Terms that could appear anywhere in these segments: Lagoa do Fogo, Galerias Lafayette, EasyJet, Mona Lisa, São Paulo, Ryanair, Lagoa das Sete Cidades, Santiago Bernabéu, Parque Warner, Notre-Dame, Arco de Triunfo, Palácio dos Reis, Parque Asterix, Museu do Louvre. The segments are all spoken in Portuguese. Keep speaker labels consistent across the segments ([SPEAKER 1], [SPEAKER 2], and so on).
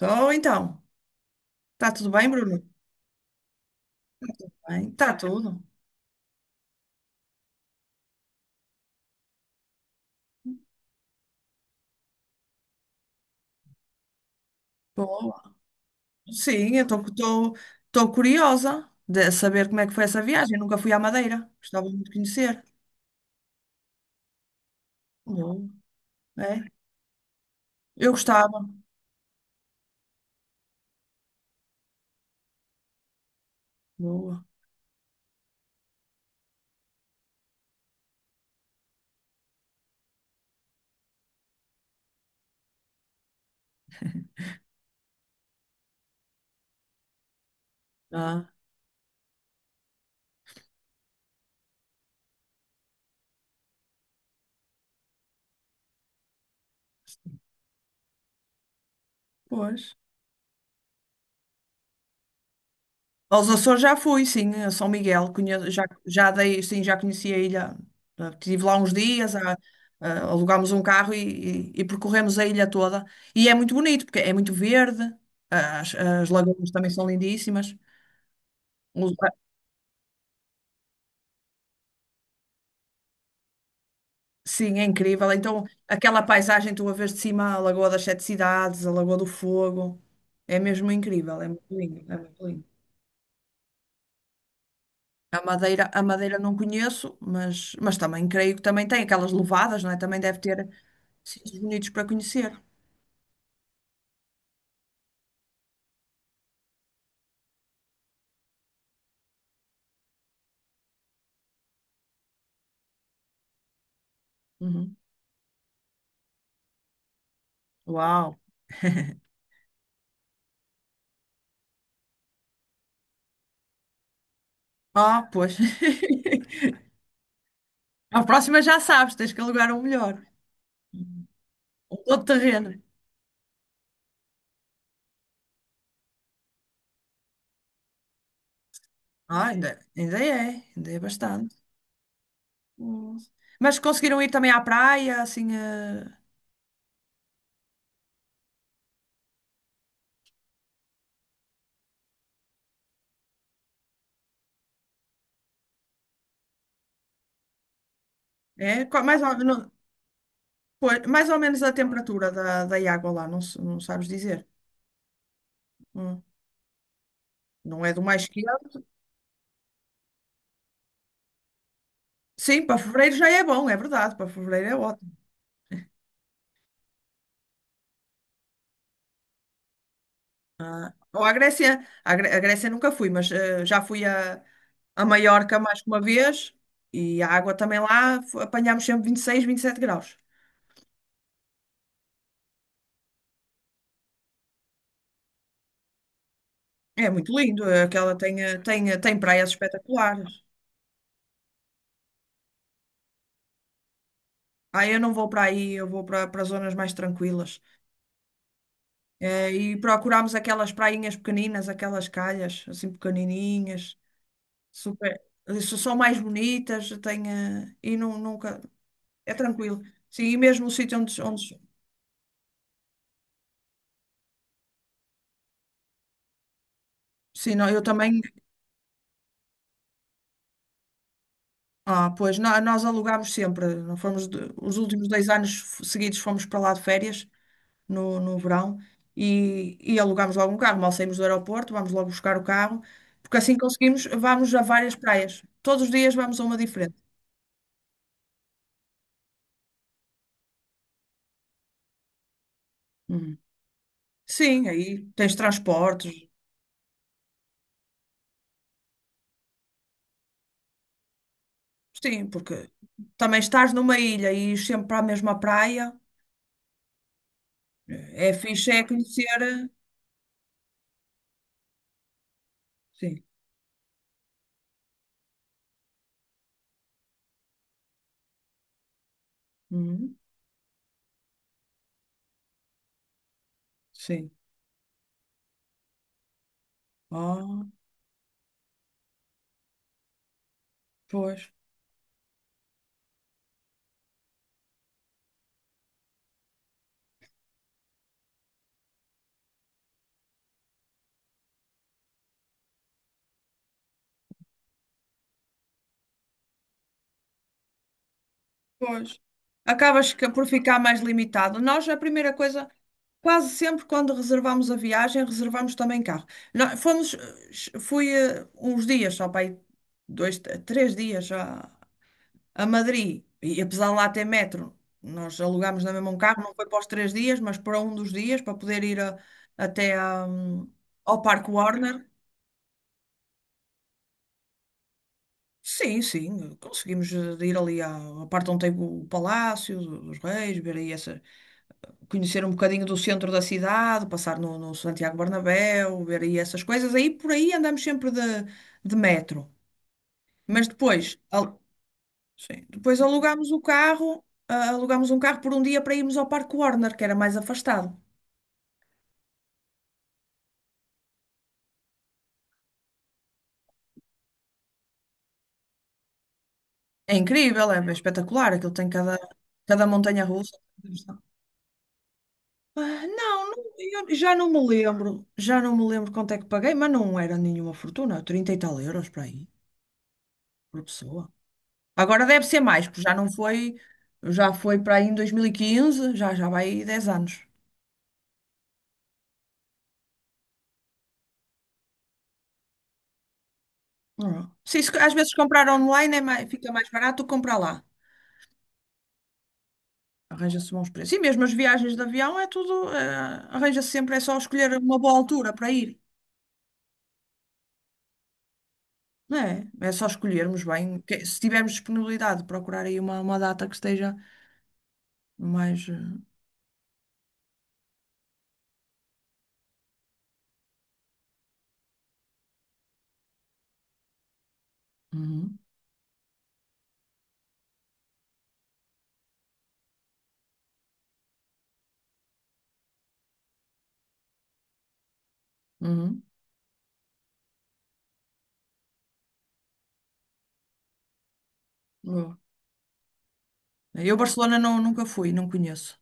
[SPEAKER 1] Estou então. Está tudo bem, Bruno? Bem, está tudo. Boa. Sim, eu estou curiosa de saber como é que foi essa viagem. Eu nunca fui à Madeira. Gostava muito de conhecer. Boa. É? Eu gostava. Boa. Ah, pois. Aos Açores já fui, sim, a São Miguel. Já dei, sim, já conheci a ilha. Ah, estive lá uns dias, alugámos um carro e percorremos a ilha toda. E é muito bonito, porque é muito verde. As lagoas também são lindíssimas. Um- Sim, é incrível. Então, aquela paisagem tu a vês de cima, a Lagoa das Sete Cidades, a Lagoa do Fogo, é mesmo incrível, é muito lindo, é muito lindo. A Madeira não conheço, mas também creio que também tem aquelas levadas, não é? Também deve ter sítios bonitos para conhecer. Uhum. Uau! Ah, pois. A próxima já sabes, tens que alugar um melhor. Um todo terreno. Ah, ainda é bastante. Hum. Mas conseguiram ir também à praia, assim. É, qua- mais ou, não-. Pois, mais ou menos a temperatura da água lá, não, não sabes dizer. Hum. Não é do mais quente. Sim, para fevereiro já é bom, é verdade, para fevereiro é ótimo. Ou à Grécia, à Grécia nunca fui, mas já fui a, Maiorca mais que uma vez e a água também lá apanhámos sempre 26, 27 graus. É muito lindo, aquela tem praias espetaculares. Ah, eu não vou para aí, eu vou para zonas mais tranquilas. E procurámos aquelas prainhas pequeninas, aquelas calhas assim pequenininhas, super, são mais bonitas, tem, e nunca, é tranquilo. Sim, e mesmo o sítio onde sim, não eu também, ah, pois, nós alugámos sempre, não fomos, os últimos 2 anos seguidos fomos para lá de férias, no verão, e alugámos logo um carro, mal saímos do aeroporto, vamos logo buscar o carro, porque assim conseguimos, vamos a várias praias, todos os dias vamos a uma diferente. Uhum. Sim, aí tens transportes. Sim, porque também estás numa ilha e ires sempre para a mesma praia. É fixe, é conhecer. Sim. Uhum, sim. Ah, pois, pois. Acabas por ficar mais limitado. Nós, a primeira coisa, quase sempre quando reservamos a viagem, reservamos também carro. Nós fomos, fui uns dias só para aí, dois, três dias já a Madrid, e apesar de lá ter metro, nós alugámos na mesma um carro, não foi para os 3 dias, mas para um dos dias, para poder ir até a, ao Parque Warner. Sim, sim, conseguimos ir ali à parte onde tem o Palácio dos Reis, ver aí essa, conhecer um bocadinho do centro da cidade, passar no Santiago Bernabéu, ver aí essas coisas. Aí por aí andamos sempre de metro. Mas depois, a- sim. Depois alugámos o carro, alugámos um carro por um dia para irmos ao Parque Warner, que era mais afastado. É incrível, é espetacular, aquilo tem cada montanha russa. Ah, não, não, eu já não me lembro, já não me lembro quanto é que paguei, mas não era nenhuma fortuna, 30 e tal euros para aí, por pessoa. Agora deve ser mais, porque já não foi, já foi para aí em 2015, já vai aí 10 anos. Não. Se isso, às vezes comprar online é fica mais barato do comprar lá. Arranja-se bons preços. E mesmo as viagens de avião é tudo, arranja-se sempre, é só escolher uma boa altura para ir, não é? É só escolhermos bem, se tivermos disponibilidade, procurar aí uma data que esteja mais. Uhum, uhum, boa. Eu, Barcelona, não, nunca fui, não conheço.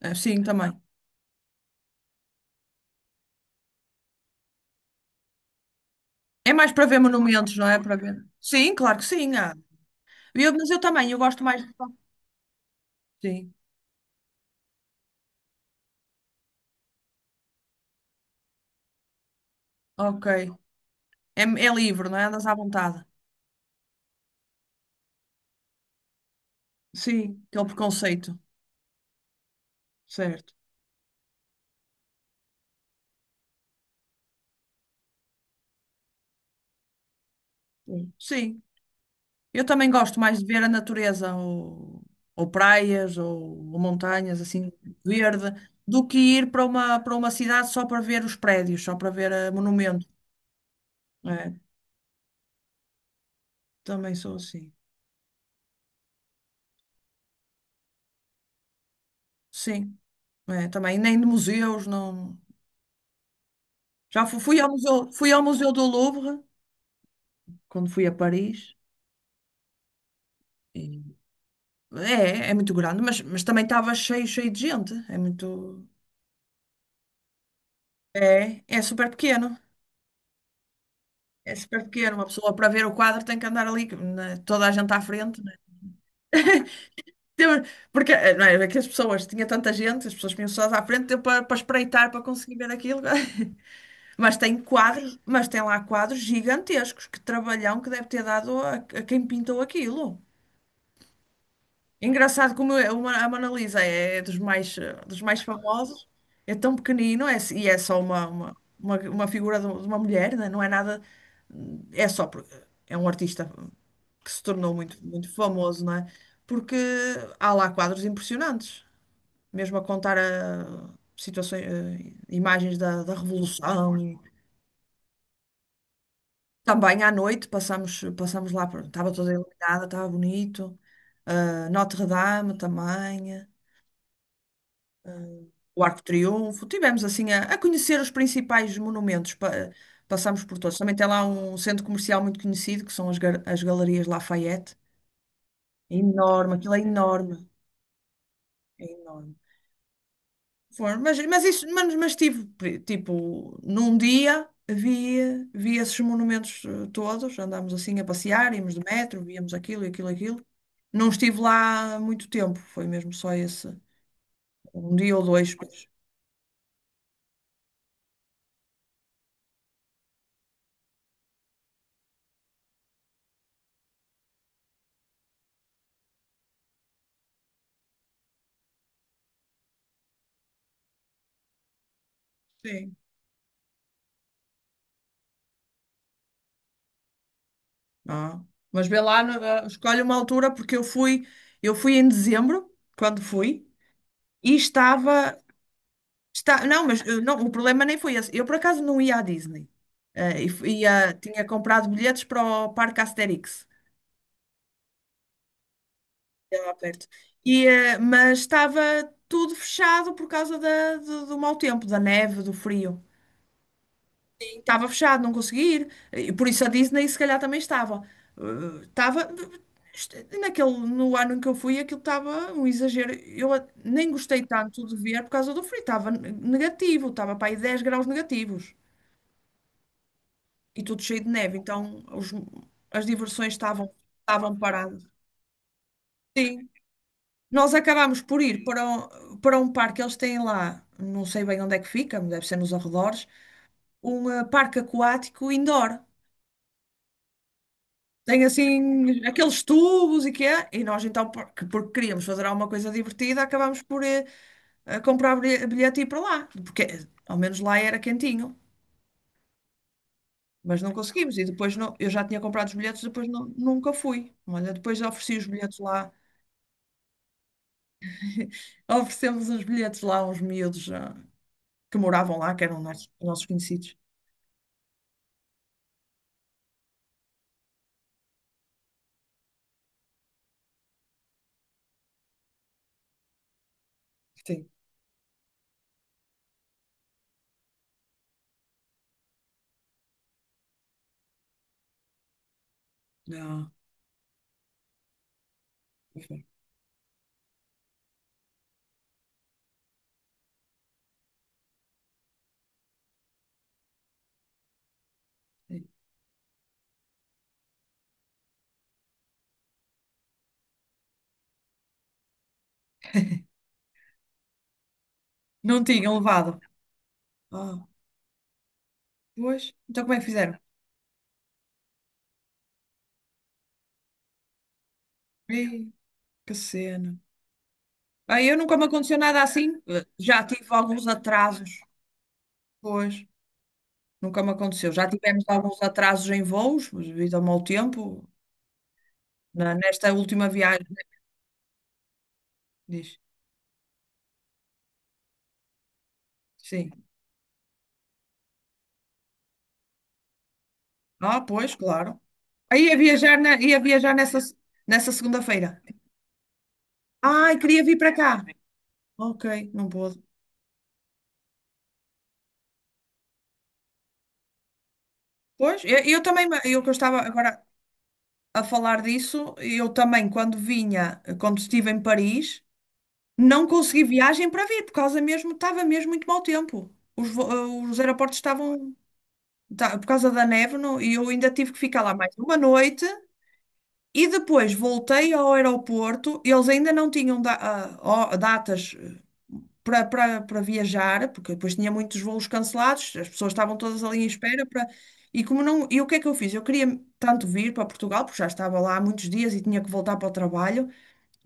[SPEAKER 1] Sim, também. É mais para ver monumentos, não é? Para ver. Sim, claro que sim. Há. Eu, mas eu também, eu gosto mais. Sim, ok. É livre, não é? Andas à vontade. Sim, aquele preconceito, certo? Sim. Sim. Eu também gosto mais de ver a natureza, ou, praias, ou montanhas, assim, verde, do que ir para uma cidade só para ver os prédios, só para ver monumentos. É, também sou assim. Sim, é, também. Nem de museus, não. Já fui ao Museu do Louvre, quando fui a Paris. e- é muito grande, mas, também estava cheio, cheio de gente. É muito. É super pequeno. É super pequeno. Uma pessoa para ver o quadro tem que andar ali, né, toda a gente à frente. Porque não é, é que as pessoas, tinha tanta gente, as pessoas tinham só à frente tempo para espreitar, para conseguir ver aquilo. Mas tem quadros, mas tem lá quadros gigantescos, que trabalhão que deve ter dado a quem pintou aquilo. Engraçado como é a Mona Lisa é dos mais, dos mais famosos, é tão pequenino, e é só uma figura de uma mulher, né? Não é nada, é só, porque é um artista que se tornou muito, muito famoso, não é? Porque há lá quadros impressionantes, mesmo a contar situações, imagens da Revolução. E também à noite passamos lá, estava toda iluminada, estava bonito. Ah, Notre-Dame também, o Arco de Triunfo. Tivemos assim a conhecer os principais monumentos, passamos por todos. Também tem lá um centro comercial muito conhecido, que são as Galerias Lafayette. É enorme, aquilo é enorme. É enorme. Foram, mas, isso, mas tive, tipo, num dia vi esses monumentos todos, andámos assim a passear, íamos de metro, víamos aquilo e aquilo e aquilo. Não estive lá muito tempo, foi mesmo só esse, um dia ou dois, pois. Sim. Ah, mas vê lá, escolhe uma altura, porque eu fui em dezembro, quando fui, e está, não, mas não, o problema nem foi esse. Eu, por acaso, não ia à Disney. E, tinha comprado bilhetes para o Parque Asterix, lá perto. E, mas estava tudo fechado por causa do mau tempo, da neve, do frio. E estava fechado, não consegui ir. E por isso a Disney se calhar também estava. Estava. est- no ano em que eu fui, aquilo estava um exagero. Eu nem gostei tanto de ver por causa do frio. Estava negativo, estava para aí 10 graus negativos. E tudo cheio de neve. Então as diversões estavam paradas. Nós acabámos por ir para um parque, eles têm lá, não sei bem onde é que fica, mas deve ser nos arredores, um parque aquático indoor. Tem assim aqueles tubos e que é, e nós então, porque queríamos fazer alguma coisa divertida, acabámos por comprar bilhete e ir para lá, porque ao menos lá era quentinho, mas não conseguimos. E depois não, eu já tinha comprado os bilhetes, depois nunca fui. Olha, depois ofereci os bilhetes lá, oferecemos os bilhetes lá a uns miúdos, que moravam lá, que eram nossos conhecidos. Sim. Não. Ok. Sim. Não tinham levado. Ah, pois. Então como é que fizeram? Ei, que cena. Ah, eu nunca me aconteceu nada assim. Já tive alguns atrasos. Pois. Nunca me aconteceu. Já tivemos alguns atrasos em voos, mas devido ao mau tempo, nesta última viagem. Diz. Sim. Ah, pois, claro. Aí ia viajar, ia viajar nessa segunda-feira. Ai, queria vir para cá. Ok, não pôde. Pois, eu também, eu que eu estava agora a falar disso, eu também, quando vinha, quando estive em Paris, não consegui viagem para vir, por causa mesmo, estava mesmo muito mau tempo. Os aeroportos estavam, tá, por causa da neve, e eu ainda tive que ficar lá mais uma noite, e depois voltei ao aeroporto, eles ainda não tinham datas para, para viajar, porque depois tinha muitos voos cancelados, as pessoas estavam todas ali em espera para... E como não, e o que é que eu fiz? Eu queria tanto vir para Portugal, porque já estava lá há muitos dias e tinha que voltar para o trabalho.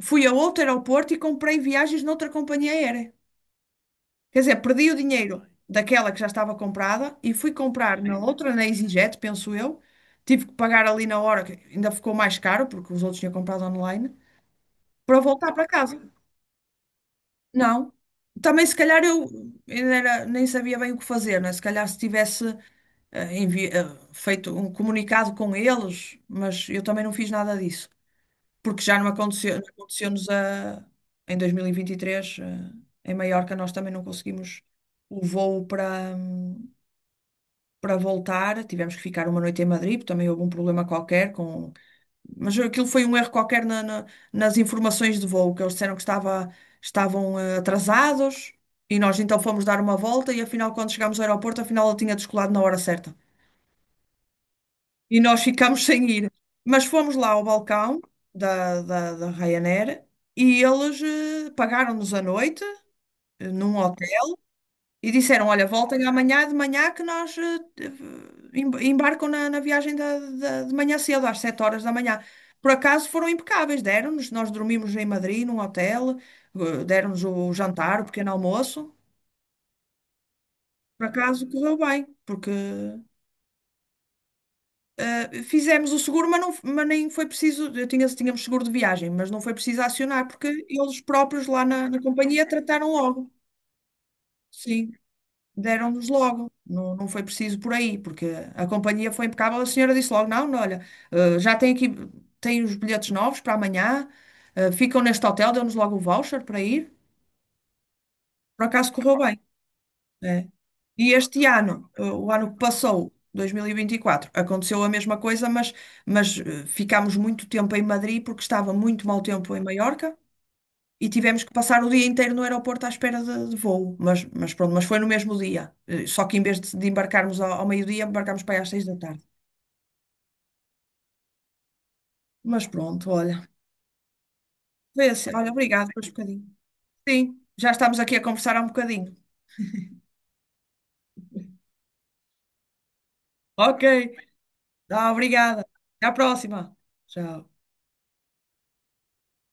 [SPEAKER 1] Fui a outro aeroporto e comprei viagens noutra companhia aérea. Quer dizer, perdi o dinheiro daquela que já estava comprada e fui comprar na outra, na EasyJet, penso eu. Tive que pagar ali na hora, que ainda ficou mais caro, porque os outros tinham comprado online, para voltar para casa. Não. Também se calhar eu ainda nem sabia bem o que fazer, né? Se calhar se tivesse eh, envi- eh, feito um comunicado com eles, mas eu também não fiz nada disso, porque já não aconteceu, não aconteceu-nos a, em 2023, em Maiorca, nós também não conseguimos o voo para voltar, tivemos que ficar uma noite em Madrid, porque também houve um problema qualquer com mas aquilo foi um erro qualquer nas informações de voo, que eles disseram que estavam atrasados e nós então fomos dar uma volta e afinal, quando chegámos ao aeroporto, afinal ele tinha descolado na hora certa. E nós ficámos sem ir. Mas fomos lá ao balcão da Ryanair e eles pagaram-nos a noite num hotel. E disseram, olha, voltem amanhã de manhã que nós embarcam na viagem de manhã cedo, às 7 horas da manhã. Por acaso foram impecáveis, deram-nos, nós dormimos em Madrid, num hotel, deram-nos o jantar, o pequeno almoço. Por acaso correu bem, porque fizemos o seguro, mas, não, mas nem foi preciso, tínhamos seguro de viagem, mas não foi preciso acionar, porque eles próprios lá na companhia trataram logo. Sim. Deram-nos logo. Não, não foi preciso por aí, porque a companhia foi impecável. A senhora disse logo: não, não, olha, já tem aqui, tem os bilhetes novos para amanhã, ficam neste hotel, deu-nos logo o voucher para ir. Por acaso correu bem, né? E este ano, o ano que passou, 2024, aconteceu a mesma coisa, mas ficámos muito tempo em Madrid porque estava muito mau tempo em Maiorca. E tivemos que passar o dia inteiro no aeroporto à espera de voo. Mas pronto, mas foi no mesmo dia. Só que em vez de embarcarmos ao meio-dia, embarcámos para aí às 6 da tarde. Mas pronto, olha. Foi assim. Olha, obrigado por este bocadinho. Sim, já estamos aqui a conversar há um bocadinho. Ok, tá, obrigada. Até à próxima. Tchau.